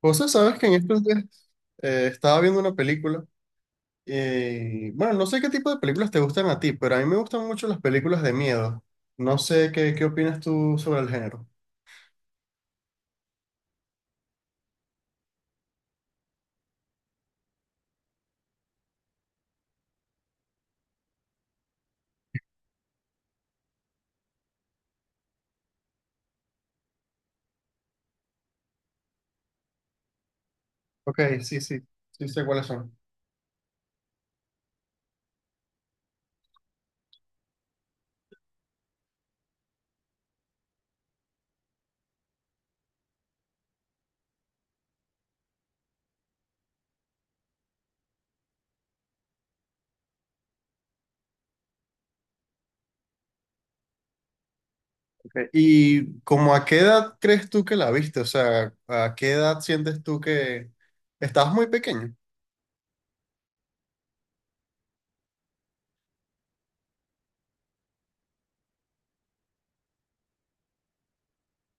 José, sabes que en estos días estaba viendo una película y bueno, no sé qué tipo de películas te gustan a ti, pero a mí me gustan mucho las películas de miedo. No sé qué opinas tú sobre el género. Ok, sí, sí, sí sé cuáles son. Ok, ¿Y como a qué edad crees tú que la viste? O sea, ¿a qué edad sientes tú que estabas muy pequeño?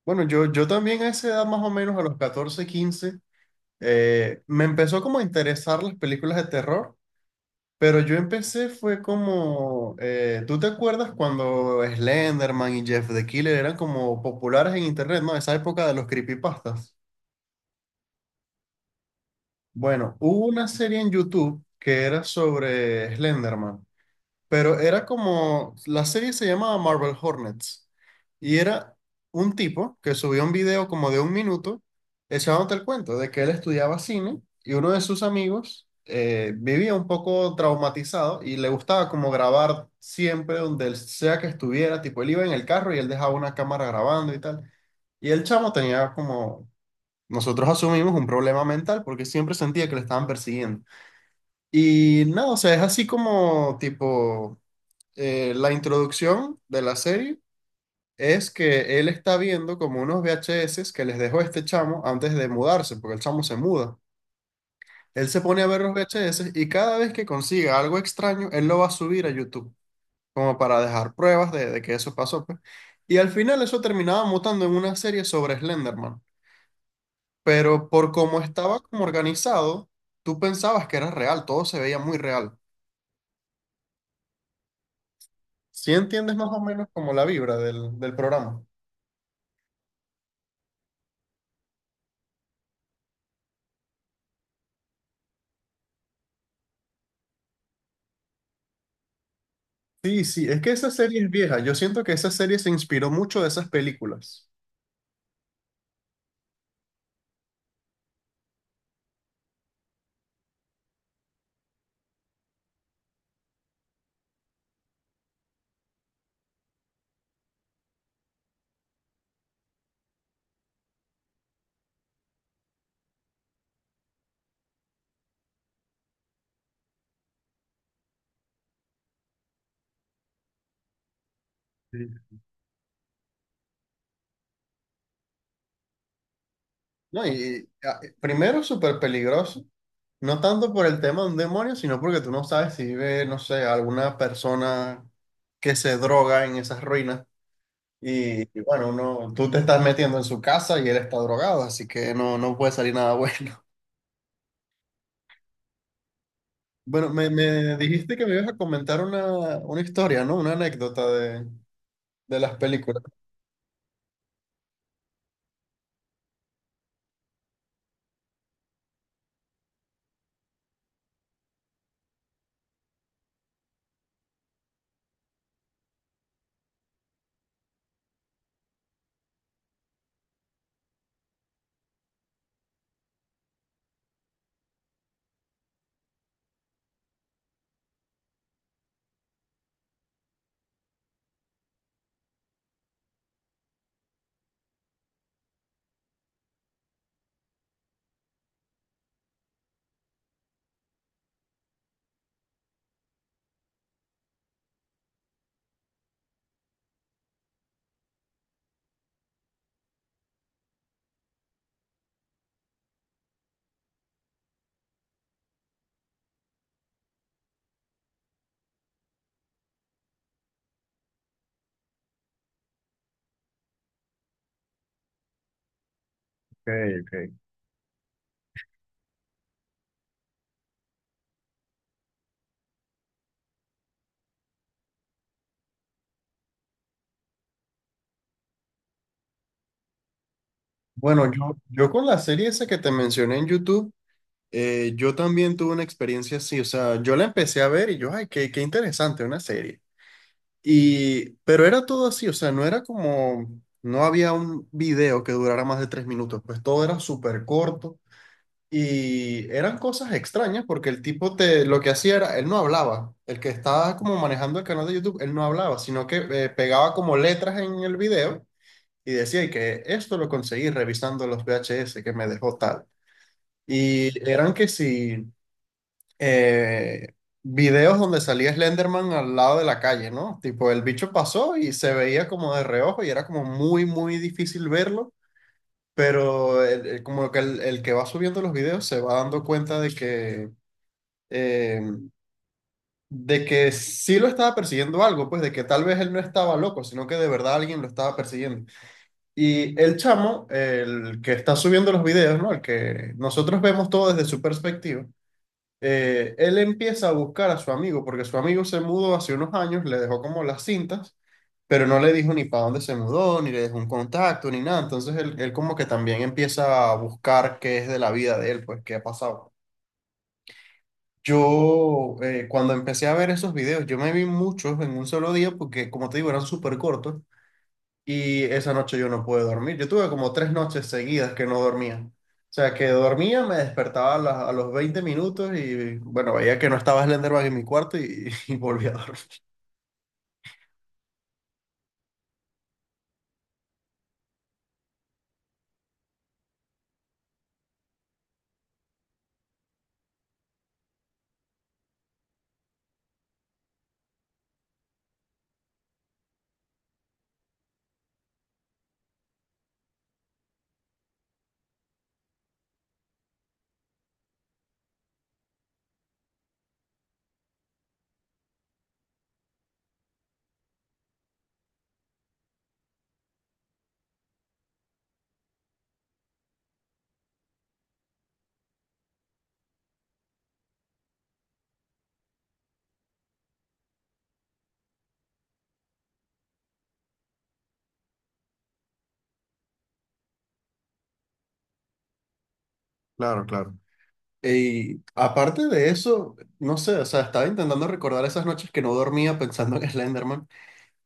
Bueno, yo también a esa edad más o menos, a los 14 15 me empezó como a interesar las películas de terror. Pero yo empecé fue como, ¿tú te acuerdas cuando Slenderman y Jeff the Killer eran como populares en internet, ¿no? Esa época de los creepypastas. Bueno, hubo una serie en YouTube que era sobre Slenderman, pero era como, la serie se llamaba Marvel Hornets y era un tipo que subió un video como de un minuto echándote el cuento de que él estudiaba cine y uno de sus amigos vivía un poco traumatizado y le gustaba como grabar siempre donde él sea que estuviera, tipo él iba en el carro y él dejaba una cámara grabando y tal. Y el chamo tenía como, nosotros asumimos un problema mental porque siempre sentía que le estaban persiguiendo. Y nada, o sea, es así como tipo la introducción de la serie es que él está viendo como unos VHS que les dejó este chamo antes de mudarse, porque el chamo se muda. Él se pone a ver los VHS y cada vez que consiga algo extraño, él lo va a subir a YouTube, como para dejar pruebas de que eso pasó, pues. Y al final eso terminaba mutando en una serie sobre Slenderman. Pero por cómo estaba como organizado, tú pensabas que era real, todo se veía muy real. ¿Sí entiendes más o menos como la vibra del programa? Sí, sí, es que esa serie es vieja. Yo siento que esa serie se inspiró mucho de esas películas. Sí. No, primero súper peligroso, no tanto por el tema de un demonio, sino porque tú no sabes si vive, no sé, alguna persona que se droga en esas ruinas. Y bueno, no, tú te estás metiendo en su casa y él está drogado, así que no, no puede salir nada bueno. Bueno, me dijiste que me ibas a comentar una historia, ¿no? Una anécdota de las películas. Ok, ok. Bueno, yo con la serie esa que te mencioné en YouTube, yo también tuve una experiencia así, o sea, yo la empecé a ver y yo, ay, qué interesante, una serie. Y, pero era todo así, o sea, no era como, no había un video que durara más de 3 minutos, pues todo era súper corto y eran cosas extrañas porque el tipo te, lo que hacía era, él no hablaba, el que estaba como manejando el canal de YouTube, él no hablaba, sino que pegaba como letras en el video y decía y que esto lo conseguí revisando los VHS que me dejó tal. Y eran que si eh, videos donde salía Slenderman al lado de la calle, ¿no? Tipo, el bicho pasó y se veía como de reojo y era como muy, muy difícil verlo, pero como que el que va subiendo los videos se va dando cuenta de eh, que sí lo estaba persiguiendo algo, pues de que tal vez él no estaba loco, sino que de verdad alguien lo estaba persiguiendo. Y el chamo, el que está subiendo los videos, ¿no? El que nosotros vemos todo desde su perspectiva, él empieza a buscar a su amigo, porque su amigo se mudó hace unos años, le dejó como las cintas, pero no le dijo ni para dónde se mudó, ni le dejó un contacto, ni nada. Entonces él como que también empieza a buscar qué es de la vida de él, pues qué ha pasado. Yo, cuando empecé a ver esos videos, yo me vi muchos en un solo día, porque como te digo, eran súper cortos. Y esa noche yo no pude dormir. Yo tuve como 3 noches seguidas que no dormía. O sea, que dormía, me despertaba a, a los 20 minutos y bueno, veía que no estaba Slenderman en mi cuarto y, y volví a dormir. Claro, claro. Y aparte de eso, no sé, o sea, estaba intentando recordar esas noches que no dormía pensando en Slenderman.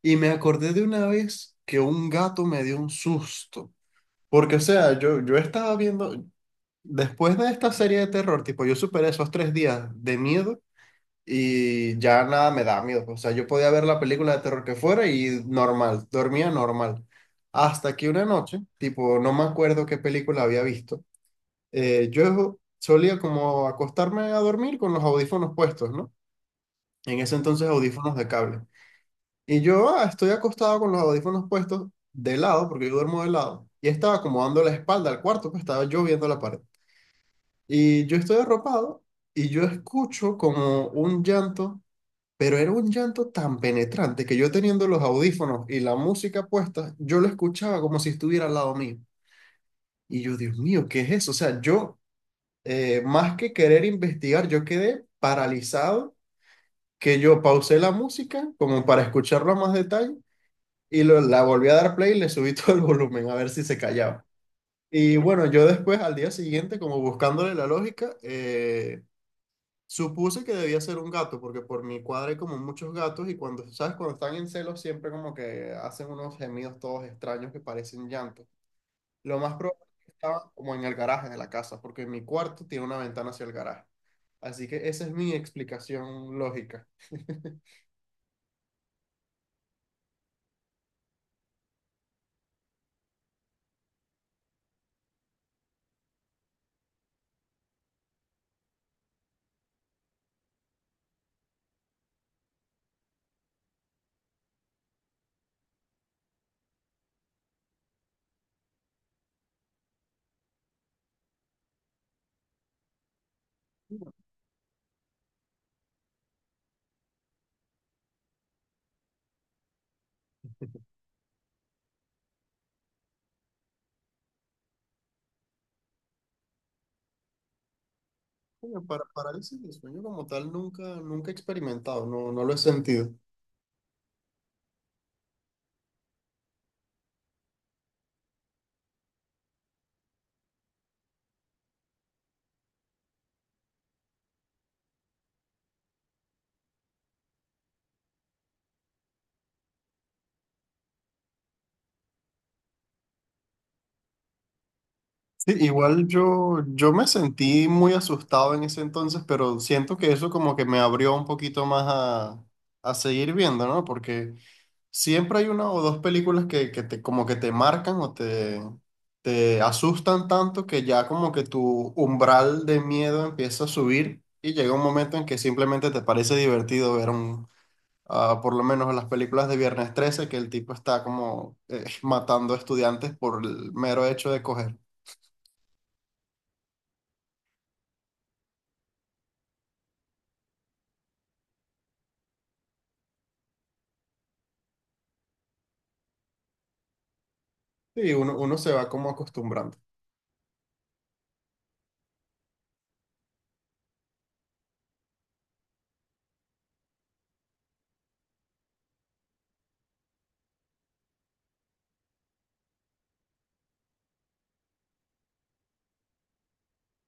Y me acordé de una vez que un gato me dio un susto. Porque, o sea, yo estaba viendo, después de esta serie de terror, tipo, yo superé esos 3 días de miedo y ya nada me da miedo. O sea, yo podía ver la película de terror que fuera y normal, dormía normal. Hasta que una noche, tipo, no me acuerdo qué película había visto, yo solía como acostarme a dormir con los audífonos puestos, ¿no? En ese entonces audífonos de cable. Y yo estoy acostado con los audífonos puestos de lado, porque yo duermo de lado, y estaba como dando la espalda al cuarto, pues estaba yo viendo la pared. Y yo estoy arropado y yo escucho como un llanto, pero era un llanto tan penetrante que yo teniendo los audífonos y la música puesta, yo lo escuchaba como si estuviera al lado mío. Y yo, Dios mío, ¿qué es eso? O sea, yo, más que querer investigar, yo quedé paralizado, que yo pausé la música como para escucharlo a más detalle y la volví a dar play y le subí todo el volumen a ver si se callaba. Y bueno, yo después, al día siguiente, como buscándole la lógica, supuse que debía ser un gato, porque por mi cuadra hay como muchos gatos y cuando, ¿sabes? Cuando están en celos siempre como que hacen unos gemidos todos extraños que parecen llantos. Lo más probable es que estaba como en el garaje de la casa, porque mi cuarto tiene una ventana hacia el garaje. Así que esa es mi explicación lógica. Bueno, para parálisis del sueño como tal nunca, nunca he experimentado, no, no lo he sentido. Sí, igual yo me sentí muy asustado en ese entonces, pero siento que eso como que me abrió un poquito más a seguir viendo, ¿no? Porque siempre hay una o dos películas que como que te marcan o te asustan tanto que ya como que tu umbral de miedo empieza a subir y llega un momento en que simplemente te parece divertido ver un, por lo menos las películas de Viernes 13, que el tipo está como matando estudiantes por el mero hecho de coger. Sí, uno se va como acostumbrando.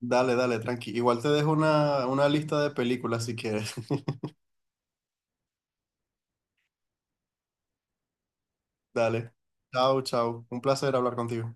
Dale, dale, tranqui. Igual te dejo una lista de películas si quieres. Dale. Chao, chao. Un placer hablar contigo.